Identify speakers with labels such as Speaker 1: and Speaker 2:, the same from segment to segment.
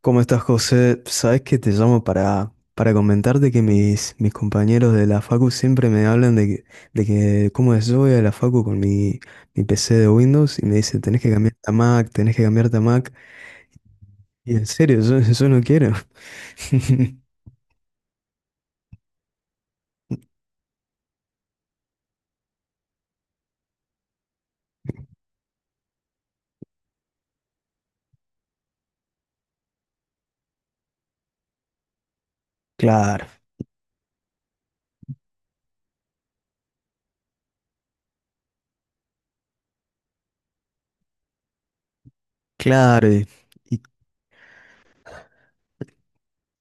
Speaker 1: ¿Cómo estás, José? Sabes que te llamo para comentarte que mis compañeros de la Facu siempre me hablan de que cómo es. Yo voy a la Facu con mi PC de Windows y me dicen, tenés que cambiarte a Mac, tenés que cambiarte a Mac. Y en serio, yo, yo no quiero. Claro, claro. Y-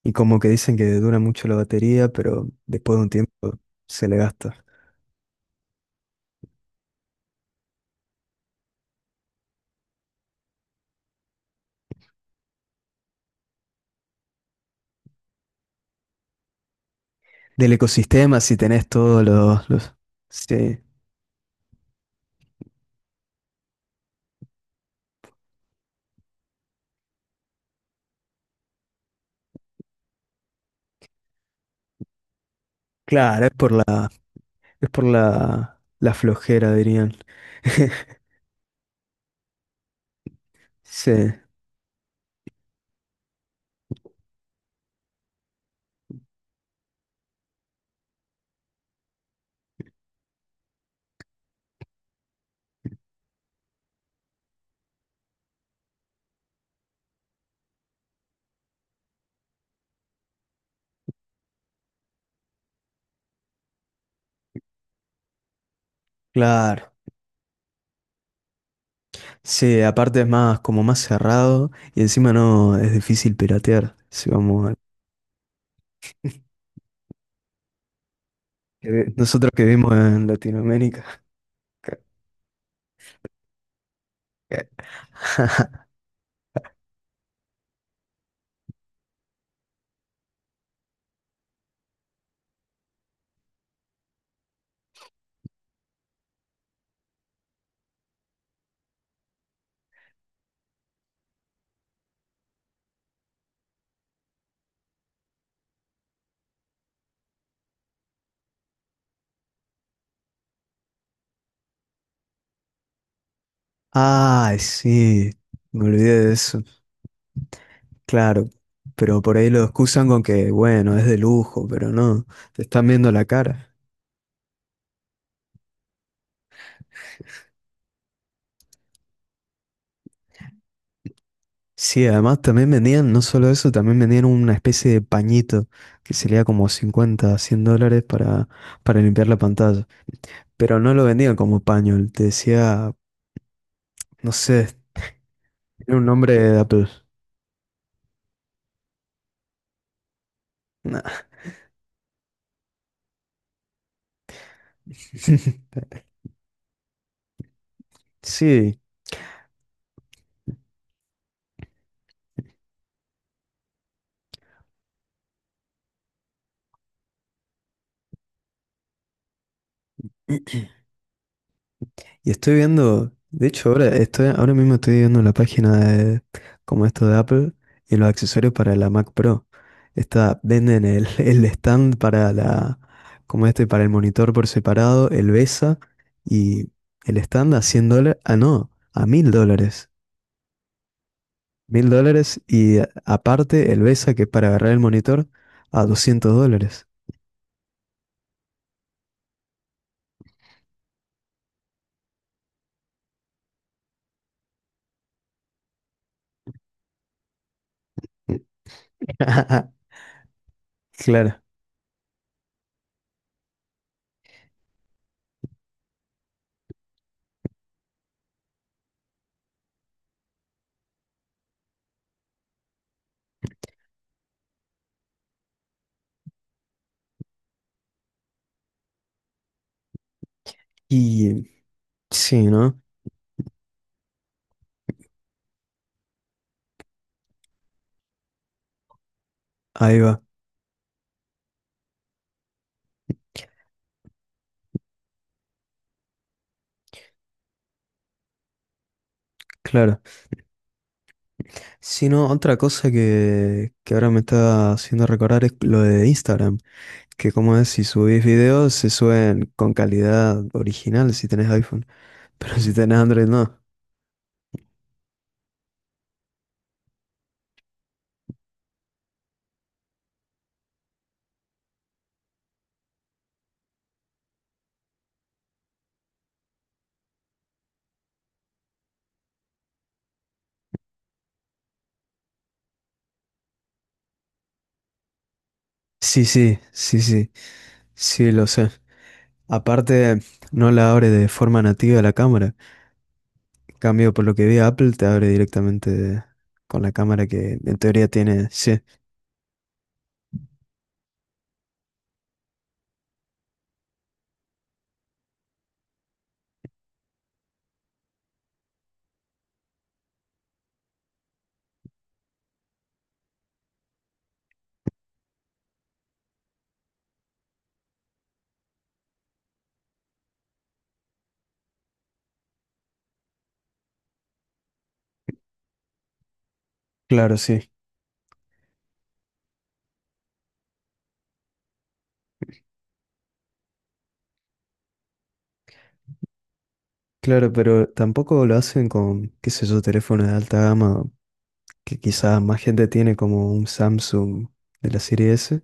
Speaker 1: y como que dicen que dura mucho la batería, pero después de un tiempo se le gasta. Del ecosistema, si tenés todos los. Sí. Claro, es por la flojera, dirían. Sí, claro. Sí, aparte es más como más cerrado y encima no es difícil piratear. Si vamos a- que vi- Nosotros que vivimos en Latinoamérica. Ay, sí, me olvidé de eso. Claro, pero por ahí lo excusan con que, bueno, es de lujo, pero no, te están viendo la cara. Sí, además también vendían, no solo eso, también vendían una especie de pañito que sería como 50, $100 para limpiar la pantalla. Pero no lo vendían como paño, te decía, no sé, tiene un nombre de Apple. Nah. Sí. Y estoy viendo, de hecho ahora mismo estoy viendo la página de como esto de Apple y los accesorios para la Mac Pro. Esta, venden el, el stand para la, como este, para el monitor por separado, el BESA y el stand a $100, ah no, a $1.000. $1.000 y aparte el BESA, que es para agarrar el monitor, a $200. Claro. Y sí, ¿no? Ahí va, claro. Si no, otra cosa que ahora me está haciendo recordar es lo de Instagram, que como es, si subís videos, se suben con calidad original si tenés iPhone. Pero si tenés Android no. Sí, sí, sí, sí, sí, lo sé. Aparte, no la abre de forma nativa la cámara. En cambio, por lo que vi, Apple te abre directamente con la cámara que en teoría tiene. Sí, claro, sí. Claro, pero tampoco lo hacen con, qué sé yo, teléfonos de alta gama que quizás más gente tiene, como un Samsung de la serie S,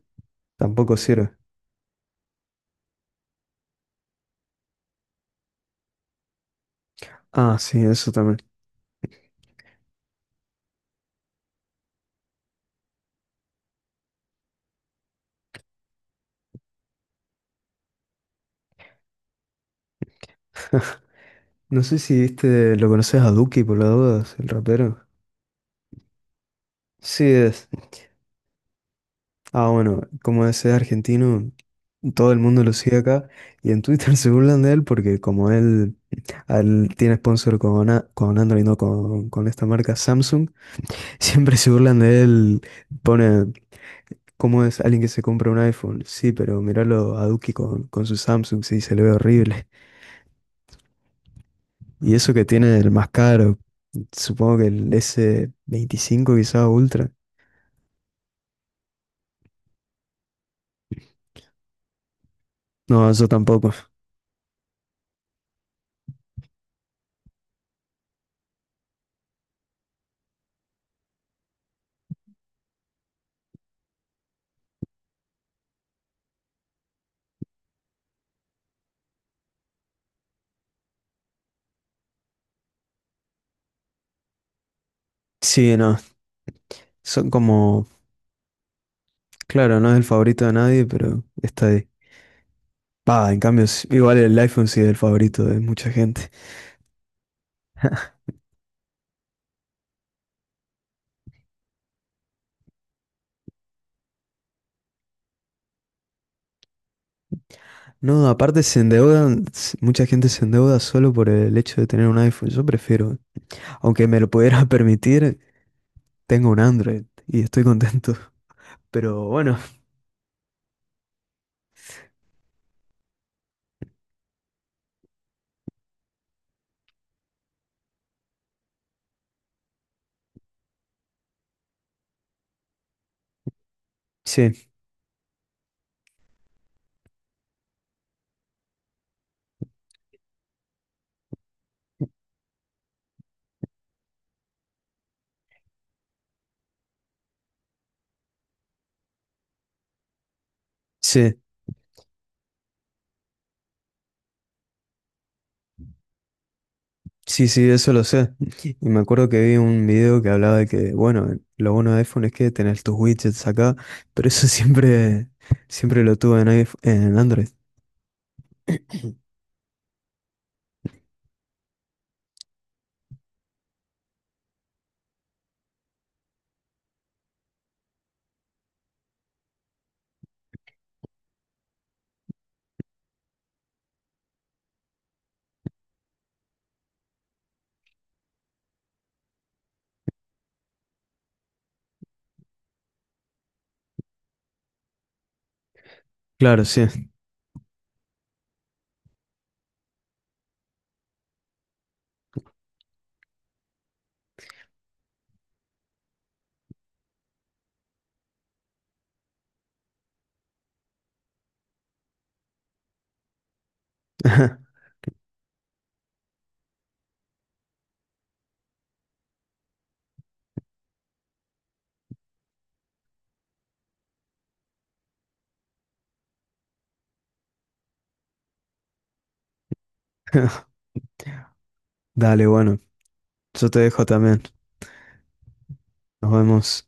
Speaker 1: tampoco sirve. Ah, sí, eso también. No sé si viste, lo conoces a Duki por las dudas, el rapero. Sí es. Ah, bueno, como es argentino, todo el mundo lo sigue acá y en Twitter se burlan de él porque como él, a él, tiene sponsor con Android, no con esta marca Samsung. Siempre se burlan de él, pone, ¿cómo es alguien que se compra un iPhone? Sí, pero miralo a Duki con su Samsung, sí, se le ve horrible. Y eso que tiene el más caro, supongo que el S25, quizá Ultra. No, yo tampoco. Sí, no, son como, claro, no es el favorito de nadie, pero está ahí. Va, en cambio, igual el iPhone sí es el favorito de mucha gente. No, aparte se endeudan, mucha gente se endeuda solo por el hecho de tener un iPhone. Yo prefiero, aunque me lo pudiera permitir, tengo un Android y estoy contento. Pero bueno, sí, sí, sí, sí, eso lo sé. Y me acuerdo que vi un video que hablaba de que, bueno, lo bueno de iPhone es que tenés tus widgets acá, pero eso siempre lo tuve en en Android. Claro, sí. Dale, bueno, yo te dejo también. Nos vemos.